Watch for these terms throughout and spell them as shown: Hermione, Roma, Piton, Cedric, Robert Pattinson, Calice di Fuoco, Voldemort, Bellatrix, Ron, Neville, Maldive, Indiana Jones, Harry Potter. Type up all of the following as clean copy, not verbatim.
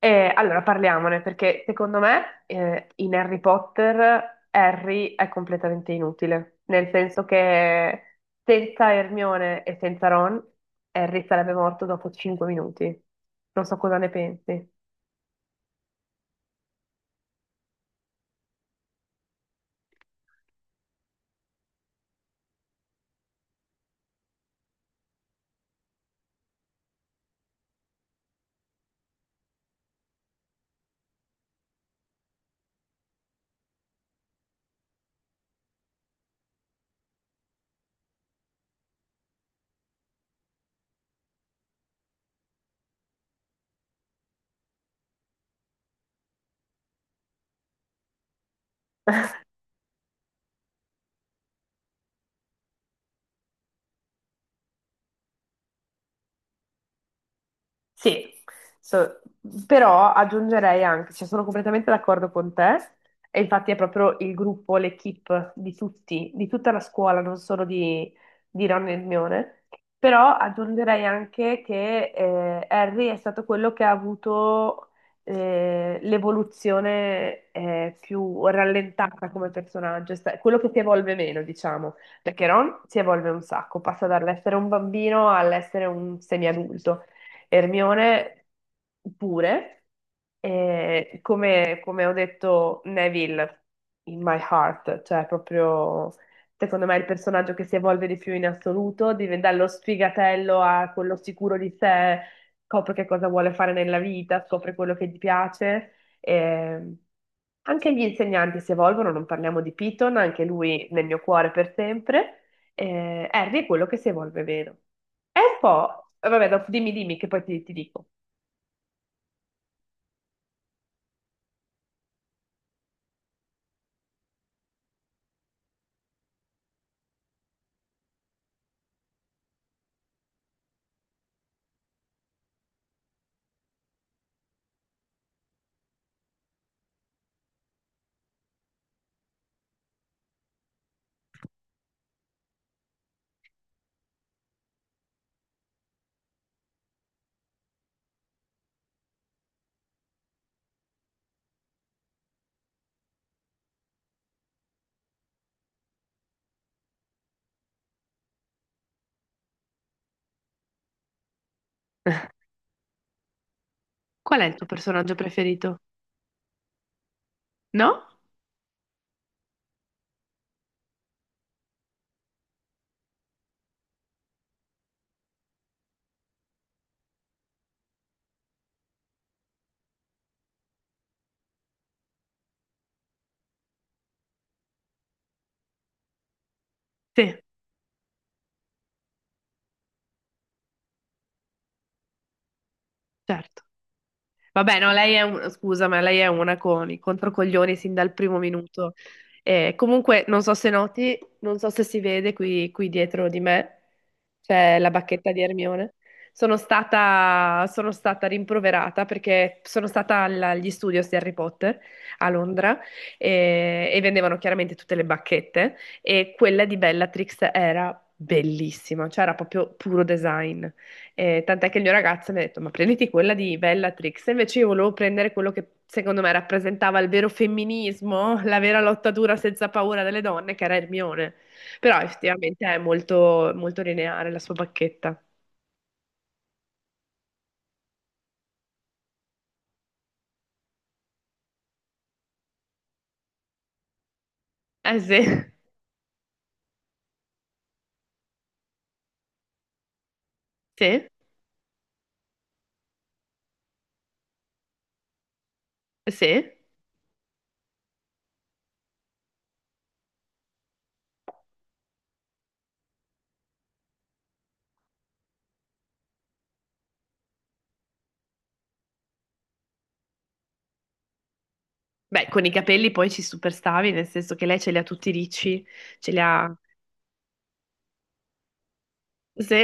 Allora parliamone perché secondo me, in Harry Potter Harry è completamente inutile, nel senso che senza Hermione e senza Ron Harry sarebbe morto dopo 5 minuti. Non so cosa ne pensi. Sì, so- però aggiungerei anche, cioè sono completamente d'accordo con te, e infatti è proprio il gruppo, l'equipe di tutti, di tutta la scuola, non solo di Ron e Hermione, però aggiungerei anche che Harry è stato quello che ha avuto l'evoluzione più rallentata come personaggio, quello che si evolve meno, diciamo, perché Ron si evolve un sacco, passa dall'essere un bambino all'essere un semiadulto. Hermione pure, e come, come ho detto, Neville in my heart, cioè proprio secondo me è il personaggio che si evolve di più in assoluto, dallo sfigatello a quello sicuro di sé, scopre che cosa vuole fare nella vita, scopre quello che gli piace. E anche gli insegnanti si evolvono, non parliamo di Piton, anche lui nel mio cuore per sempre. E Harry è quello che si evolve meno. È un po'. Vabbè, dopo dimmi, dimmi, che poi ti dico. Qual è il tuo personaggio preferito? No? Sì, certo. Vabbè, no, lei è un, scusa, ma lei è una con i controcoglioni sin dal primo minuto. Comunque, non so se noti, non so se si vede qui, qui dietro di me, c'è la bacchetta di Hermione. Sono stata rimproverata perché sono stata agli studios di Harry Potter a Londra e vendevano chiaramente tutte le bacchette e quella di Bellatrix era bellissima, cioè era proprio puro design. Tant'è che il mio ragazzo mi ha detto: ma prenditi quella di Bellatrix. E invece io volevo prendere quello che secondo me rappresentava il vero femminismo, la vera lotta dura senza paura delle donne, che era Hermione. Però effettivamente è molto, molto lineare la sua bacchetta. Eh sì, sì, sì. Beh, con i capelli poi ci superstavi, nel senso che lei ce li ha tutti ricci, ce li ha. Sì.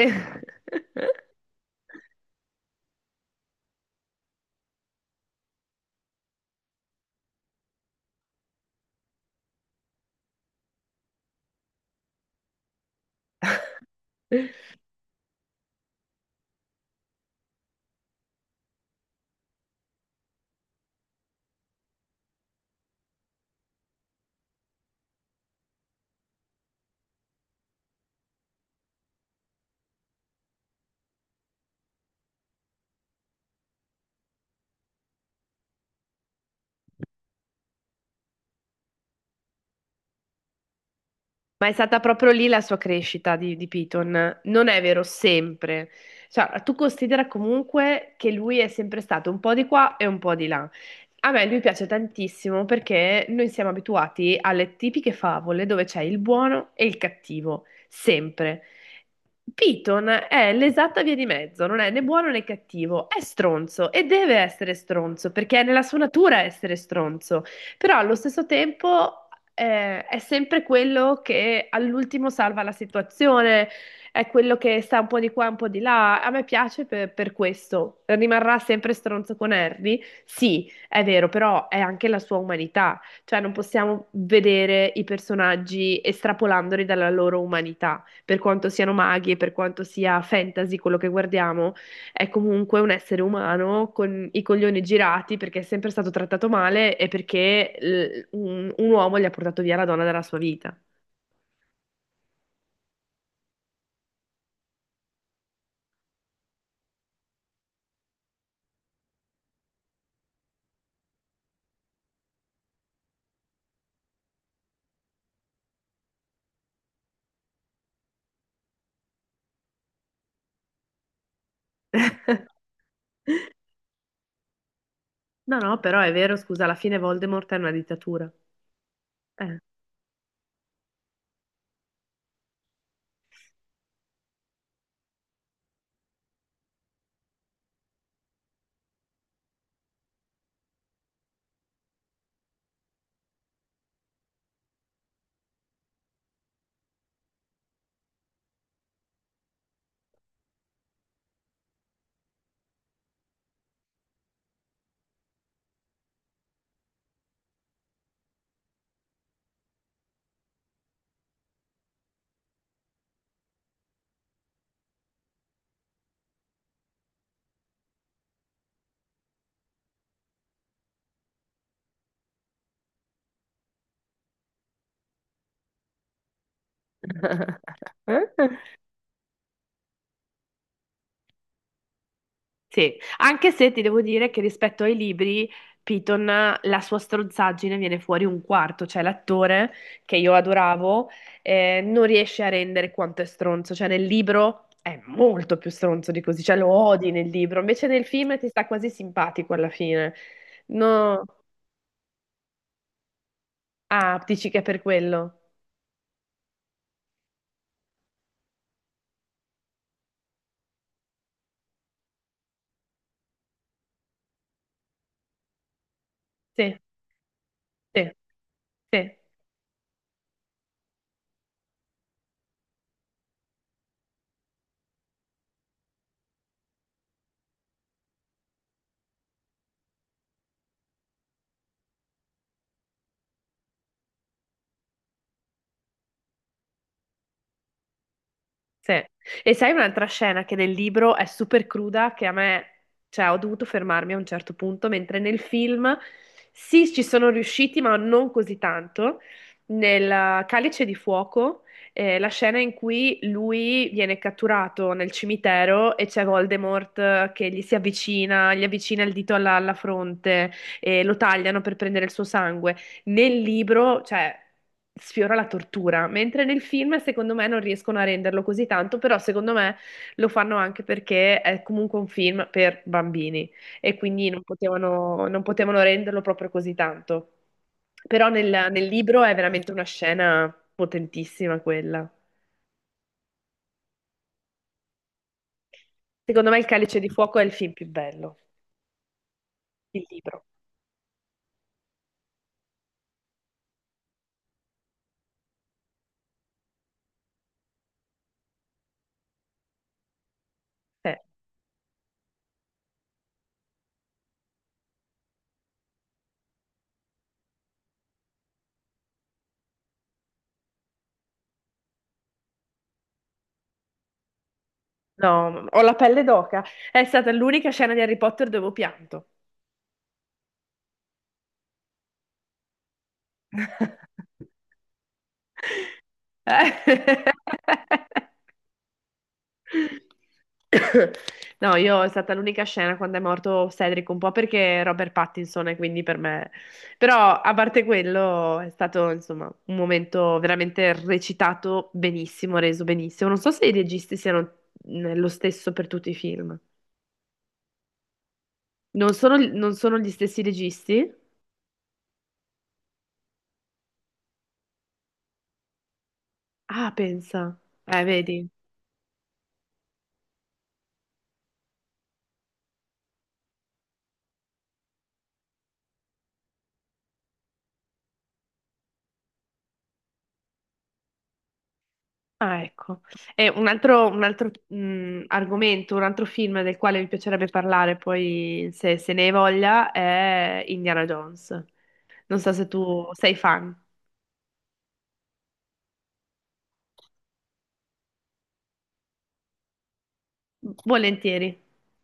Ma è stata proprio lì la sua crescita di Piton. Non è vero sempre. Cioè, tu considera comunque che lui è sempre stato un po' di qua e un po' di là. A me lui piace tantissimo perché noi siamo abituati alle tipiche favole dove c'è il buono e il cattivo, sempre. Piton è l'esatta via di mezzo, non è né buono né cattivo, è stronzo e deve essere stronzo perché è nella sua natura essere stronzo, però allo stesso tempo è sempre quello che all'ultimo salva la situazione, è quello che sta un po' di qua, un po' di là. A me piace per questo. Rimarrà sempre stronzo con Harry? Sì, è vero, però è anche la sua umanità, cioè non possiamo vedere i personaggi estrapolandoli dalla loro umanità, per quanto siano maghi e per quanto sia fantasy quello che guardiamo è comunque un essere umano con i coglioni girati perché è sempre stato trattato male e perché un uomo gli ha portato via la donna dalla sua vita. No, no, però è vero, scusa, alla fine Voldemort è una dittatura. Eh. Sì, anche se ti devo dire che rispetto ai libri, Piton, la sua strozzaggine viene fuori un quarto, cioè l'attore che io adoravo non riesce a rendere quanto è stronzo, cioè nel libro è molto più stronzo di così, cioè lo odi nel libro, invece nel film ti sta quasi simpatico alla fine. No, ah, dici che è per quello. Sì, sì, sì. Sì. E sai un'altra scena che nel libro è super cruda, che a me, cioè, ho dovuto fermarmi a un certo punto, mentre nel film sì, ci sono riusciti, ma non così tanto. Nel Calice di Fuoco, la scena in cui lui viene catturato nel cimitero e c'è Voldemort, che gli si avvicina, gli avvicina il dito alla, alla fronte e lo tagliano per prendere il suo sangue. Nel libro, cioè, sfiora la tortura, mentre nel film, secondo me, non riescono a renderlo così tanto, però secondo me lo fanno anche perché è comunque un film per bambini e quindi non potevano, non potevano renderlo proprio così tanto. Però nel, nel libro è veramente una scena potentissima quella. Secondo me Il Calice di Fuoco è il film più bello, il libro. Eh, no, ho la pelle d'oca. È stata l'unica scena di Harry Potter dove ho pianto. No, io è stata l'unica scena quando è morto Cedric, un po' perché Robert Pattinson e quindi per me. Però a parte quello è stato, insomma, un momento veramente recitato benissimo, reso benissimo. Non so se i registi siano lo stesso per tutti i film. Non sono, non sono gli stessi registi? Ah, pensa. Vedi. Ah, ecco. E un altro argomento, un altro film del quale mi piacerebbe parlare poi, se, se ne hai voglia, è Indiana Jones. Non so se tu sei fan. Volentieri.